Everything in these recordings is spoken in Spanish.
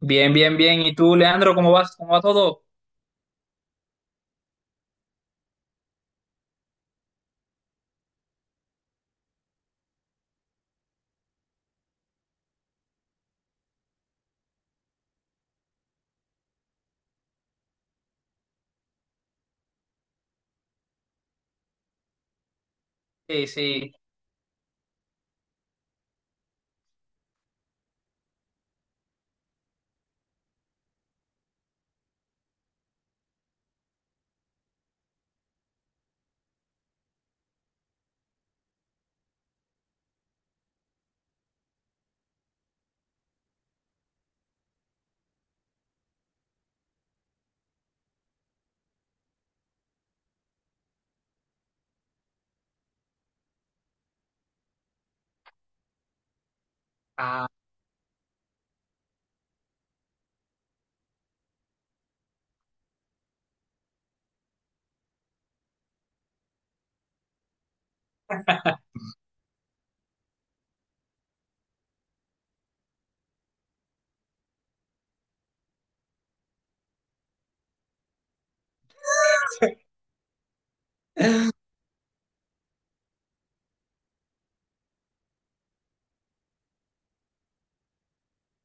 Bien, bien, bien. ¿Y tú, Leandro, cómo vas? ¿Cómo va todo? Sí, sí. Ah.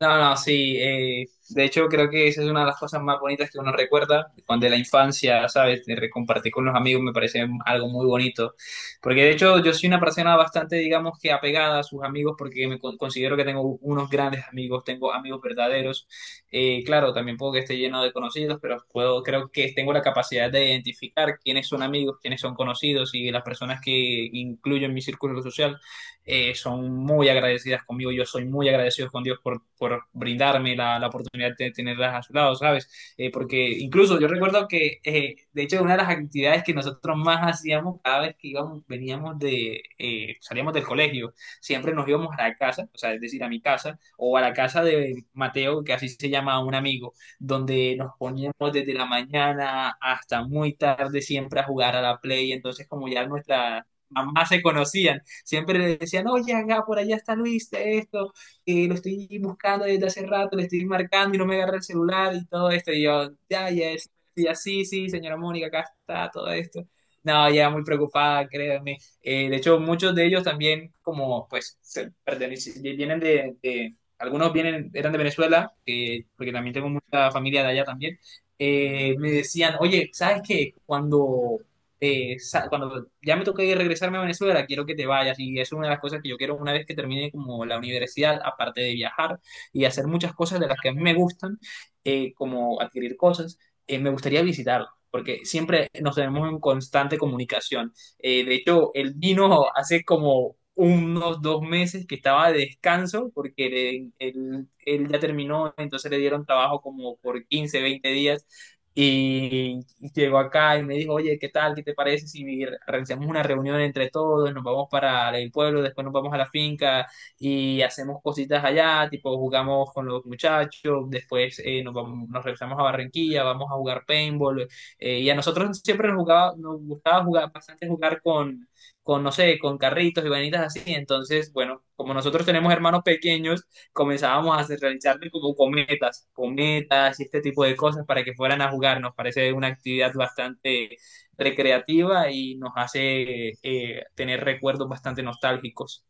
No, no, sí. De hecho, creo que esa es una de las cosas más bonitas que uno recuerda cuando de la infancia, ¿sabes? Compartir con los amigos me parece algo muy bonito. Porque de hecho, yo soy una persona bastante, digamos que apegada a sus amigos porque considero que tengo unos grandes amigos, tengo amigos verdaderos. Claro, también puedo que esté lleno de conocidos, pero puedo, creo que tengo la capacidad de identificar quiénes son amigos, quiénes son conocidos y las personas que incluyo en mi círculo social son muy agradecidas conmigo. Yo soy muy agradecido con Dios por brindarme la oportunidad de tenerlas a su lado, ¿sabes? Porque incluso yo recuerdo que, de hecho, una de las actividades que nosotros más hacíamos cada vez que íbamos, veníamos de, salíamos del colegio, siempre nos íbamos a la casa, o sea, es decir, a mi casa, o a la casa de Mateo, que así se llama un amigo, donde nos poníamos desde la mañana hasta muy tarde siempre a jugar a la play. Entonces como ya nuestra mamás se conocían, siempre le decían, oye, acá por allá está Luis, esto, lo estoy buscando desde hace rato, le estoy marcando y no me agarra el celular y todo esto. Y yo, ya, ya, ya, sí, sí, señora Mónica, acá está todo esto. No, ya muy preocupada, créanme. De hecho, muchos de ellos también, como pues, vienen de, algunos vienen, eran de Venezuela, porque también tengo mucha familia de allá también. Me decían, oye, ¿sabes qué? Cuando cuando ya me toque regresarme a Venezuela, quiero que te vayas. Y eso es una de las cosas que yo quiero una vez que termine como la universidad, aparte de viajar y hacer muchas cosas de las que a mí me gustan, como adquirir cosas, me gustaría visitarlo. Porque siempre nos tenemos en constante comunicación. De hecho, él vino hace como unos 2 meses que estaba de descanso porque él ya terminó, entonces le dieron trabajo como por 15, 20 días y llegó acá y me dijo, oye, ¿qué tal? ¿Qué te parece si realizamos una reunión entre todos? Nos vamos para el pueblo, después nos vamos a la finca y hacemos cositas allá, tipo jugamos con los muchachos, después nos vamos, nos regresamos a Barranquilla, vamos a jugar paintball. Y a nosotros siempre nos, jugaba, nos gustaba jugar bastante jugar con, no sé, con carritos y vanitas así. Entonces, bueno, como nosotros tenemos hermanos pequeños, comenzábamos a realizarle como cometas, cometas y este tipo de cosas para que fueran a jugar. Nos parece una actividad bastante recreativa y nos hace tener recuerdos bastante nostálgicos.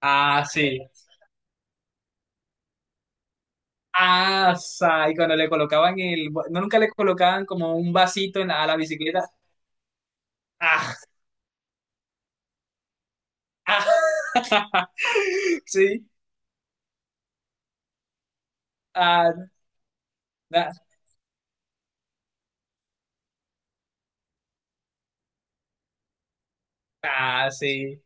Ah, sí. Ah, y cuando le colocaban el, no nunca le colocaban como un vasito en a la bicicleta. Ah, ah, sí. Ah, na- ah, sí.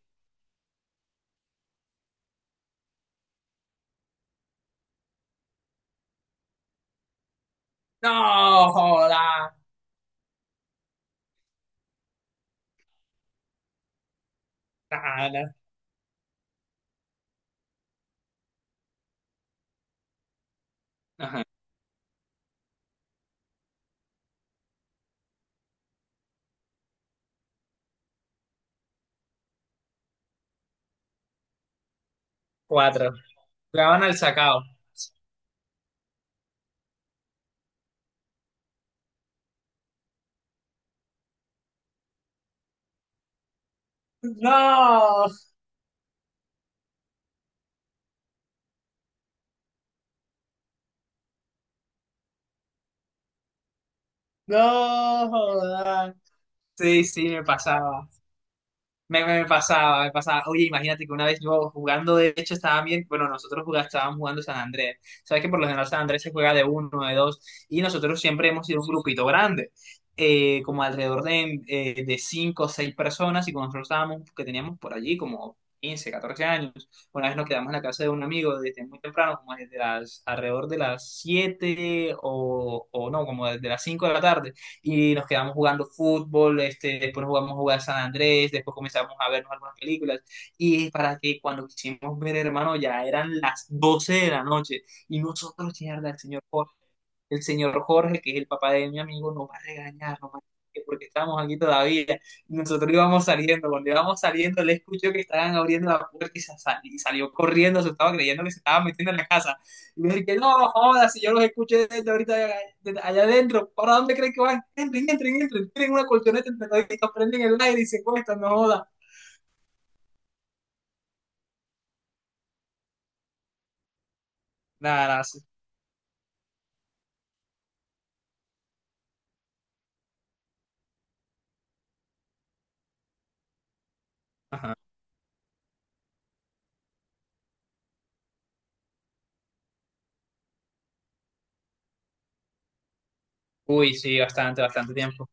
No, joda. Ah, na- Ajá. Cuatro. Jugaban al sacao. No, no, joda. Sí, sí, me pasaba. Me pasaba, me pasaba. Oye, imagínate que una vez yo jugando, de hecho, estaba bien. Bueno, nosotros estábamos jugando San Andrés. Sabes que por lo general San Andrés se juega de uno, de dos, y nosotros siempre hemos sido un grupito grande, como alrededor de 5 o 6 personas. Y cuando nosotros estábamos, que teníamos por allí como 15, 14 años, una vez nos quedamos en la casa de un amigo desde muy temprano, como desde las, alrededor de las 7 o no, como desde las 5 de la tarde y nos quedamos jugando fútbol, este, después jugamos a jugar San Andrés, después comenzamos a vernos algunas películas y para que cuando quisimos ver, hermano, ya eran las 12 de la noche y nosotros, mierda, el señor Jorge, que es el papá de mi amigo, nos va a regañar porque estamos aquí todavía. Nosotros íbamos saliendo, cuando íbamos saliendo, le escuchó que estaban abriendo la puerta y, y salió corriendo, se estaba creyendo que se estaba metiendo en la casa. Y me dije, no, jodas, si yo los escuché desde ahorita allá, allá adentro, ¿para dónde creen que van? Entren, entren, entren, tienen una colchoneta entre toditos, prenden el aire y se cuestan, no jodas. Nada, nada, sí. Ajá. Uy, sí, bastante, bastante tiempo.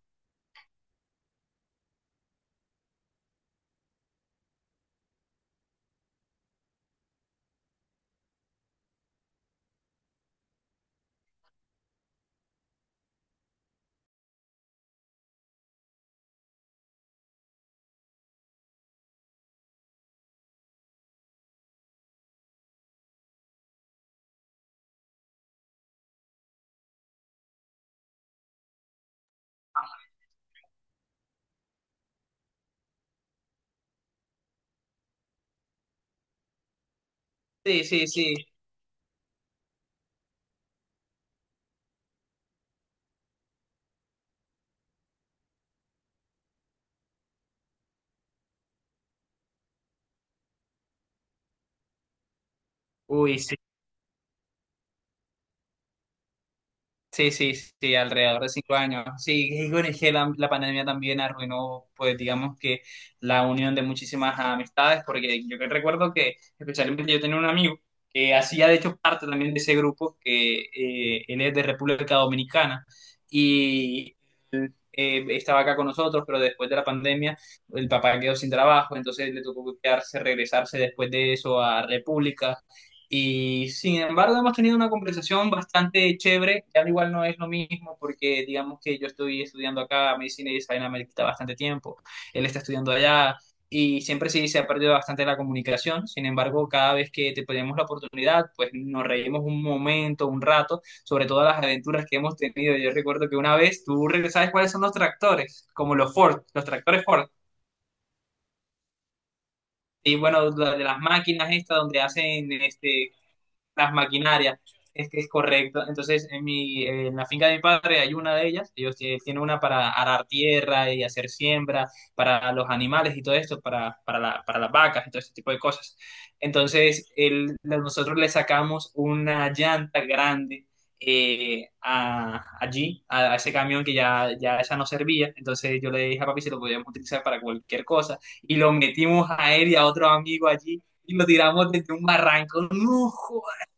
Sí, sí, sí. Uy, sí. Sí, sí, sí, alrededor de 5 años. Sí, y bueno, es que la pandemia también arruinó, pues digamos que la unión de muchísimas amistades, porque yo que recuerdo que especialmente yo tenía un amigo que hacía de hecho parte también de ese grupo, que él es de República Dominicana, estaba acá con nosotros, pero después de la pandemia el papá quedó sin trabajo, entonces le tocó quedarse, regresarse después de eso a República. Y sin embargo hemos tenido una conversación bastante chévere, al igual no es lo mismo porque digamos que yo estoy estudiando acá medicina y esa vaina me quita bastante tiempo, él está estudiando allá y siempre sí se ha perdido bastante la comunicación, sin embargo cada vez que te ponemos la oportunidad pues nos reímos un momento, un rato sobre todas las aventuras que hemos tenido. Yo recuerdo que una vez, tú sabes cuáles son los tractores, como los Ford, los tractores Ford. Y bueno, de las máquinas estas donde hacen este, las maquinarias, es que es correcto. Entonces, en mi, en la finca de mi padre hay una de ellas, ellos tienen una para arar tierra y hacer siembra para los animales y todo esto, para para las vacas y todo este tipo de cosas. Entonces, nosotros le sacamos una llanta grande a, allí, a ese camión que ya, esa no servía. Entonces yo le dije a papi si lo podíamos utilizar para cualquier cosa. Y lo metimos a él y a otro amigo allí y lo tiramos desde un barranco. ¡No!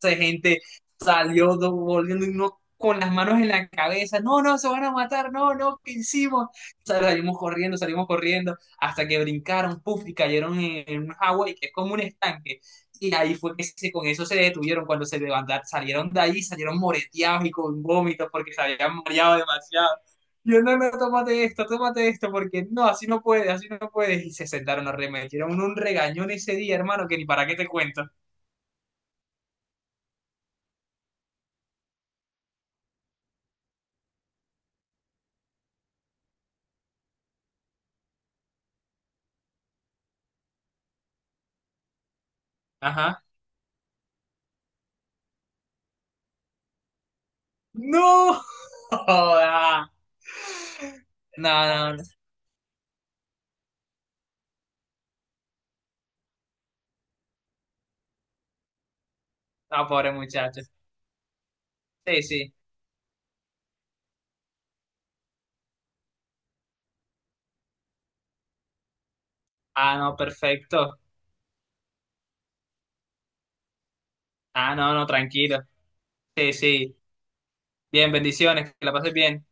de gente salió volviendo y uno con las manos en la cabeza, no, no, se van a matar, no, no, ¿qué hicimos? Salimos corriendo, hasta que brincaron, puff, y cayeron en un agua y que es como un estanque. Y ahí fue que con eso se detuvieron cuando se levantaron, salieron de ahí, salieron moreteados y con vómitos porque se habían mareado demasiado. Yo, no, no, tómate esto, porque no, así no puedes, así no puedes. Y se sentaron a remedio. Hicieron un regañón ese día, hermano, que ni para qué te cuento. Ajá. No joda. No, no, no. No, pobre muchacho. Sí, sí. Ah, no, perfecto. Ah, no, no, tranquilo. Sí, sí. Bien, bendiciones, que la pases bien.